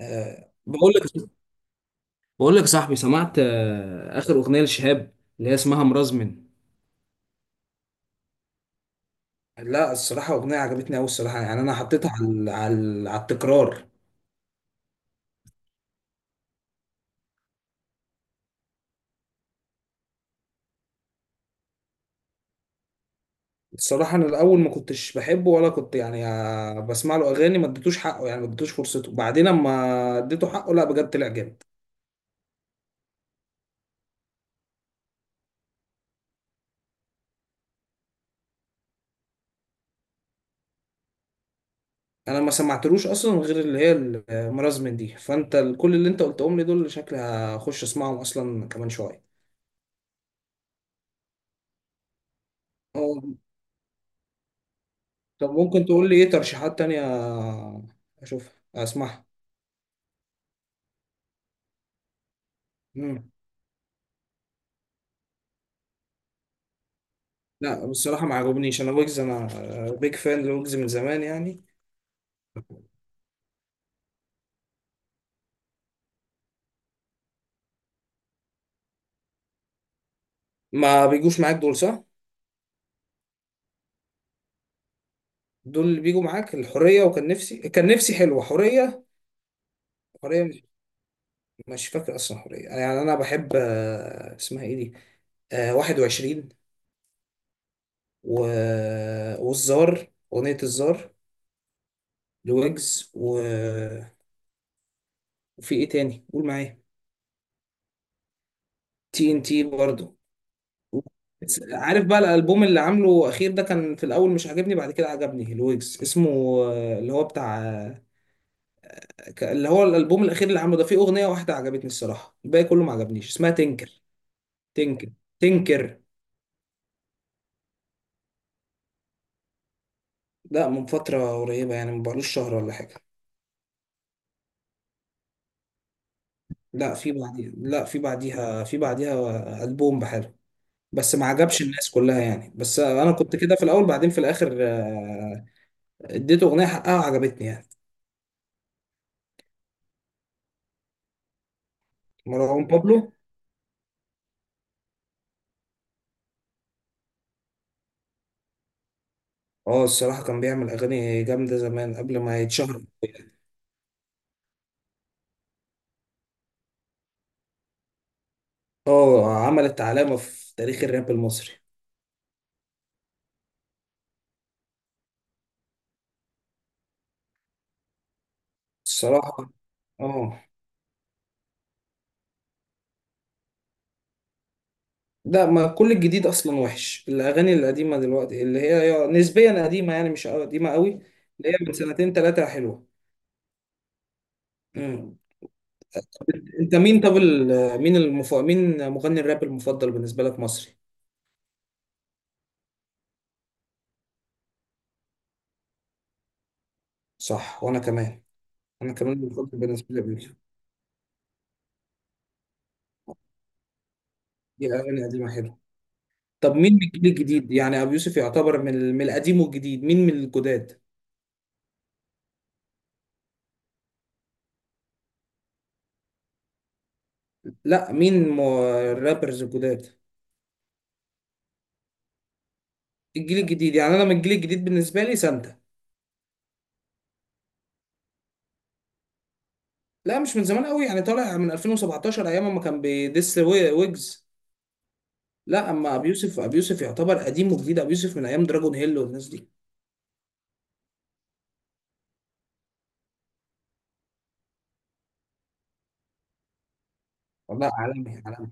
آه، بقول لك بقول لك يا صاحبي، سمعت اخر اغنيه لشهاب اللي هي اسمها مرزمن. لا الصراحة أغنية عجبتني أوي الصراحة، يعني أنا حطيتها على التكرار. الصراحة أنا الأول ما كنتش بحبه ولا كنت يعني بسمع له أغاني، ما اديتوش حقه يعني ما اديتوش فرصته. بعدين أما اديته حقه، لا بجد طلع جامد. أنا ما سمعتلوش أصلا غير اللي هي المرازمن دي. فأنت كل اللي أنت قلتهم لي دول شكلي هخش أسمعهم أصلا كمان شوية. طب ممكن تقول لي ايه ترشيحات تانية اشوفها اسمعها؟ مم. لا بصراحة ما عجبنيش انا ويجز. انا بيج فان لويجز من زمان يعني. ما بيجوش معاك دول، صح. دول اللي بيجوا معاك الحرية وكان نفسي، كان نفسي حلوة. حرية، مش فاكر اصلا حرية. يعني انا بحب اسمها ايه دي، 21 و... والزار، اغنية الزار لويجز. وفي ايه تاني قول معايا؟ تي ان تي برضه. بس عارف بقى الالبوم اللي عامله اخير ده كان في الاول مش عاجبني، بعد كده عجبني الويجز اسمه اللي هو بتاع اللي هو الالبوم الاخير اللي عامله ده، فيه اغنيه واحده عجبتني الصراحه، الباقي كله ما عجبنيش. اسمها تنكر. تنكر. تنكر. لا من فتره قريبه يعني، ما بقالوش شهر ولا حاجه. لا، في بعديها البوم بحاله. بس ما عجبش الناس كلها يعني. بس انا كنت كده في الاول، بعدين في الاخر اديته اغنيه حقها وعجبتني يعني. مروان بابلو. اه، الصراحة كان بيعمل أغاني جامدة زمان قبل ما يتشهر. اه، عملت علامة في تاريخ الراب المصري. الصراحة. اه، لا ما كل الجديد أصلا وحش. الأغاني القديمة دلوقتي اللي هي نسبيا قديمة يعني مش قديمة قوي. اللي هي من سنتين تلاتة حلوة. مم. أنت مين؟ طب مين مين مغني الراب المفضل بالنسبة لك مصري؟ صح، وأنا كمان. أنا كمان المفضل بالنسبة لي أبو يوسف. دي أغاني قديمة حلوة. طب مين من الجيل الجديد؟ يعني أبو يوسف يعتبر من القديم والجديد. مين من الجداد؟ لا مين الرابرز الجداد. الجيل الجديد، يعني انا من الجيل الجديد بالنسبه لي سانتا. لا مش من زمان قوي يعني، طالع من 2017 ايام ما كان بيدس ويجز. لا اما ابي يوسف، ابي يوسف يعتبر قديم وجديد. ابي يوسف من ايام دراجون هيل والناس دي. والله، عالمي عالمي.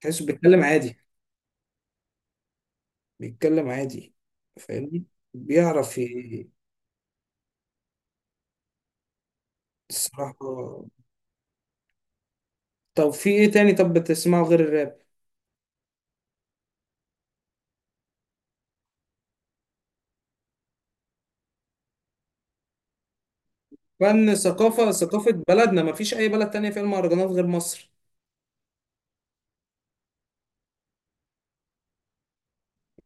تحسه بيتكلم عادي، بيتكلم عادي. فاهمني. بيعرف الصراحه. طب في ايه تاني؟ طب بتسمعه غير الراب؟ فن، ثقافه، ثقافه بلدنا. ما فيش اي بلد تانية فيها المهرجانات غير مصر.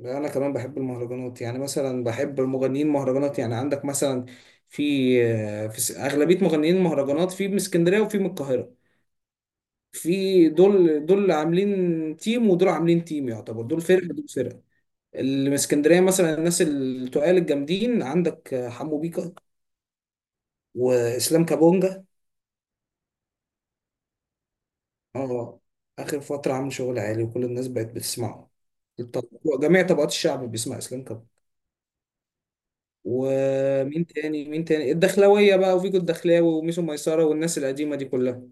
لا، انا كمان بحب المهرجانات، يعني مثلا بحب المغنيين مهرجانات، يعني عندك مثلا في في اغلبيه مغنيين المهرجانات، في من اسكندريه وفي من القاهره. في دول عاملين تيم ودول عاملين تيم. يعتبر دول فرقه، دول فرقه. اللي من اسكندريه مثلا، الناس التقال الجامدين عندك حمو بيكا، واسلام كابونجا. اه، اخر فتره عامل شغل عالي وكل الناس بقت بتسمعه. الط- جميع طبقات الشعب بيسمع اسلام كابونجا. ومين تاني؟ الدخلاوية بقى، وفيجو الدخلاوي، وميسو ميسرة، والناس القديمة دي كلها.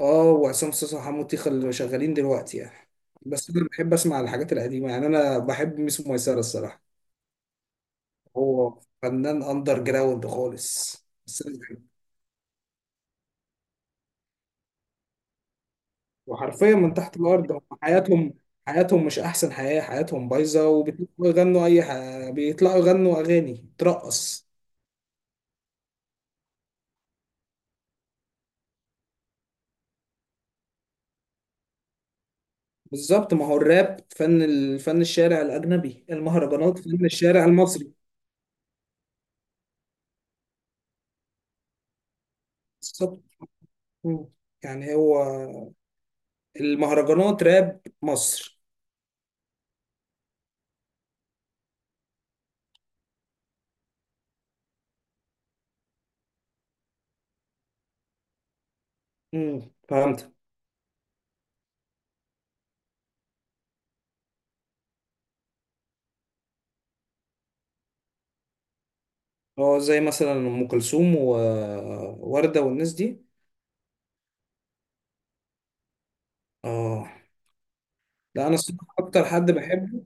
اه، وعصام صاصا وحمو تيخة اللي شغالين دلوقتي يعني. بس انا بحب اسمع الحاجات القديمة، يعني انا بحب ميسو ميسرة الصراحة. هو فنان اندر جراوند خالص. بس أنا بحبه. وحرفيا من تحت الارض، هم حياتهم. حياتهم مش احسن حياة، حياتهم بايظة وبيطلعوا يغنوا اي بيطلعوا يغنوا اغاني ترقص. بالظبط، ما هو الراب فن الشارع الاجنبي، المهرجانات فن الشارع المصري. بالظبط. مم. يعني هو المهرجانات راب مصر. مم. فهمت. هو زي مثلا ام كلثوم ووردة والناس دي. اه. لا انا الصراحه اكتر حد بحبه.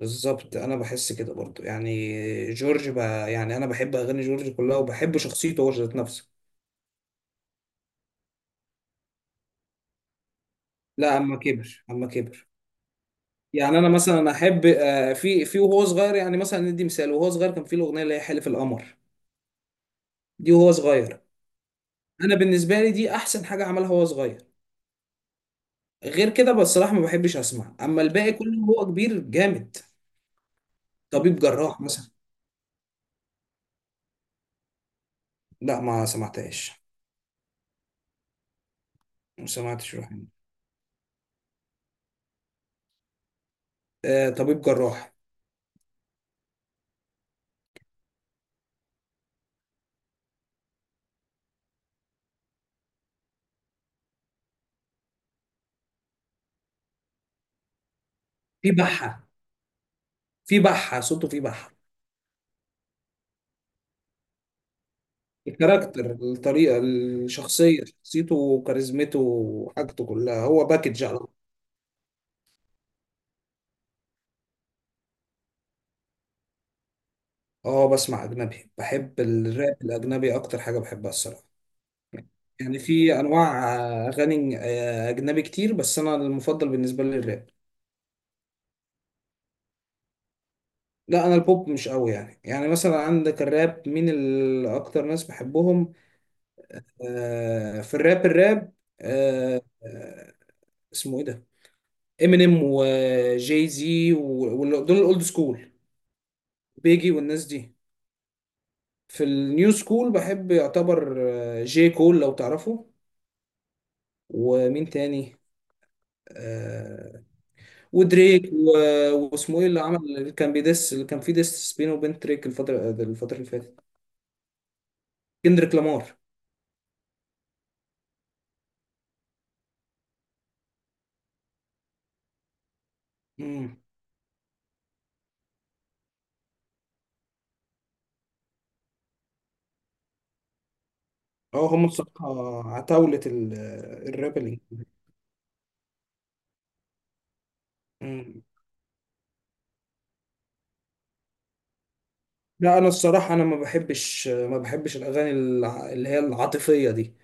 بالظبط، انا بحس كده برضو. يعني جورج بقى، يعني انا بحب اغاني جورج كلها وبحب شخصيته هو ذات نفسه. لا، اما كبر، اما كبر. يعني انا مثلا احب، في وهو صغير. يعني مثلا ندي مثال، وهو صغير كان في الاغنيه اللي هي حلف القمر، دي وهو صغير. انا بالنسبه لي دي احسن حاجه عملها وهو صغير. غير كده بصراحة ما بحبش اسمع، اما الباقي كله هو كبير جامد. طبيب جراح مثلا. لا ما سمعتهاش. ما سمعتش روح هنا. آه، طبيب جراح. في بحة. في بحة صوته، في بحة. الكاركتر، الطريقة، الشخصية، شخصيته وكاريزمته وحاجته كلها. هو باكج على طول. اه، بسمع اجنبي. بحب الراب الاجنبي اكتر حاجة بحبها الصراحة. يعني في انواع اغاني اجنبي كتير، بس انا المفضل بالنسبة لي الراب. لا انا البوب مش قوي يعني مثلا عندك الراب، مين اكتر ناس بحبهم؟ في الراب. آه اسمه ايه ده؟ امينيم وجاي زي دول الاولد سكول، بيجي والناس دي. في النيو سكول بحب يعتبر جي كول لو تعرفه. ومين تاني؟ آه ودريك، واسمه ايه اللي عمل اللي كان بيدس اللي كان فيه ديس بينه وبين دريك الفترة اللي فاتت؟ كندريك لامار. اه، هم الصراحة عتاولة الراب الإنجليزي. مم. لا أنا الصراحة، أنا ما بحبش الأغاني اللي هي العاطفية دي.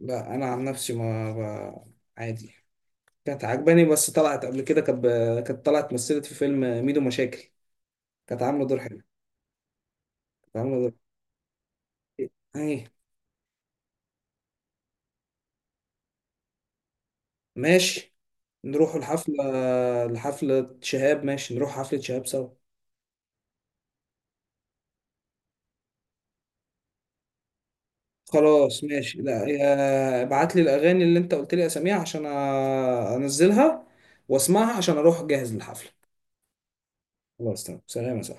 لا أنا عن نفسي ما ب- عادي. كانت عجباني، بس طلعت قبل كده كانت طلعت مثلت في فيلم ميدو مشاكل. كانت عاملة دور حلو. كانت عاملة دور. أيه؟ ماشي، نروح الحفلة. لحفلة شهاب ماشي، نروح حفلة شهاب سوا. خلاص ماشي. لا ابعت لي الاغاني اللي انت قلت لي اساميها عشان انزلها واسمعها عشان اروح جاهز للحفله. خلاص تمام، سلام يا صاحبي.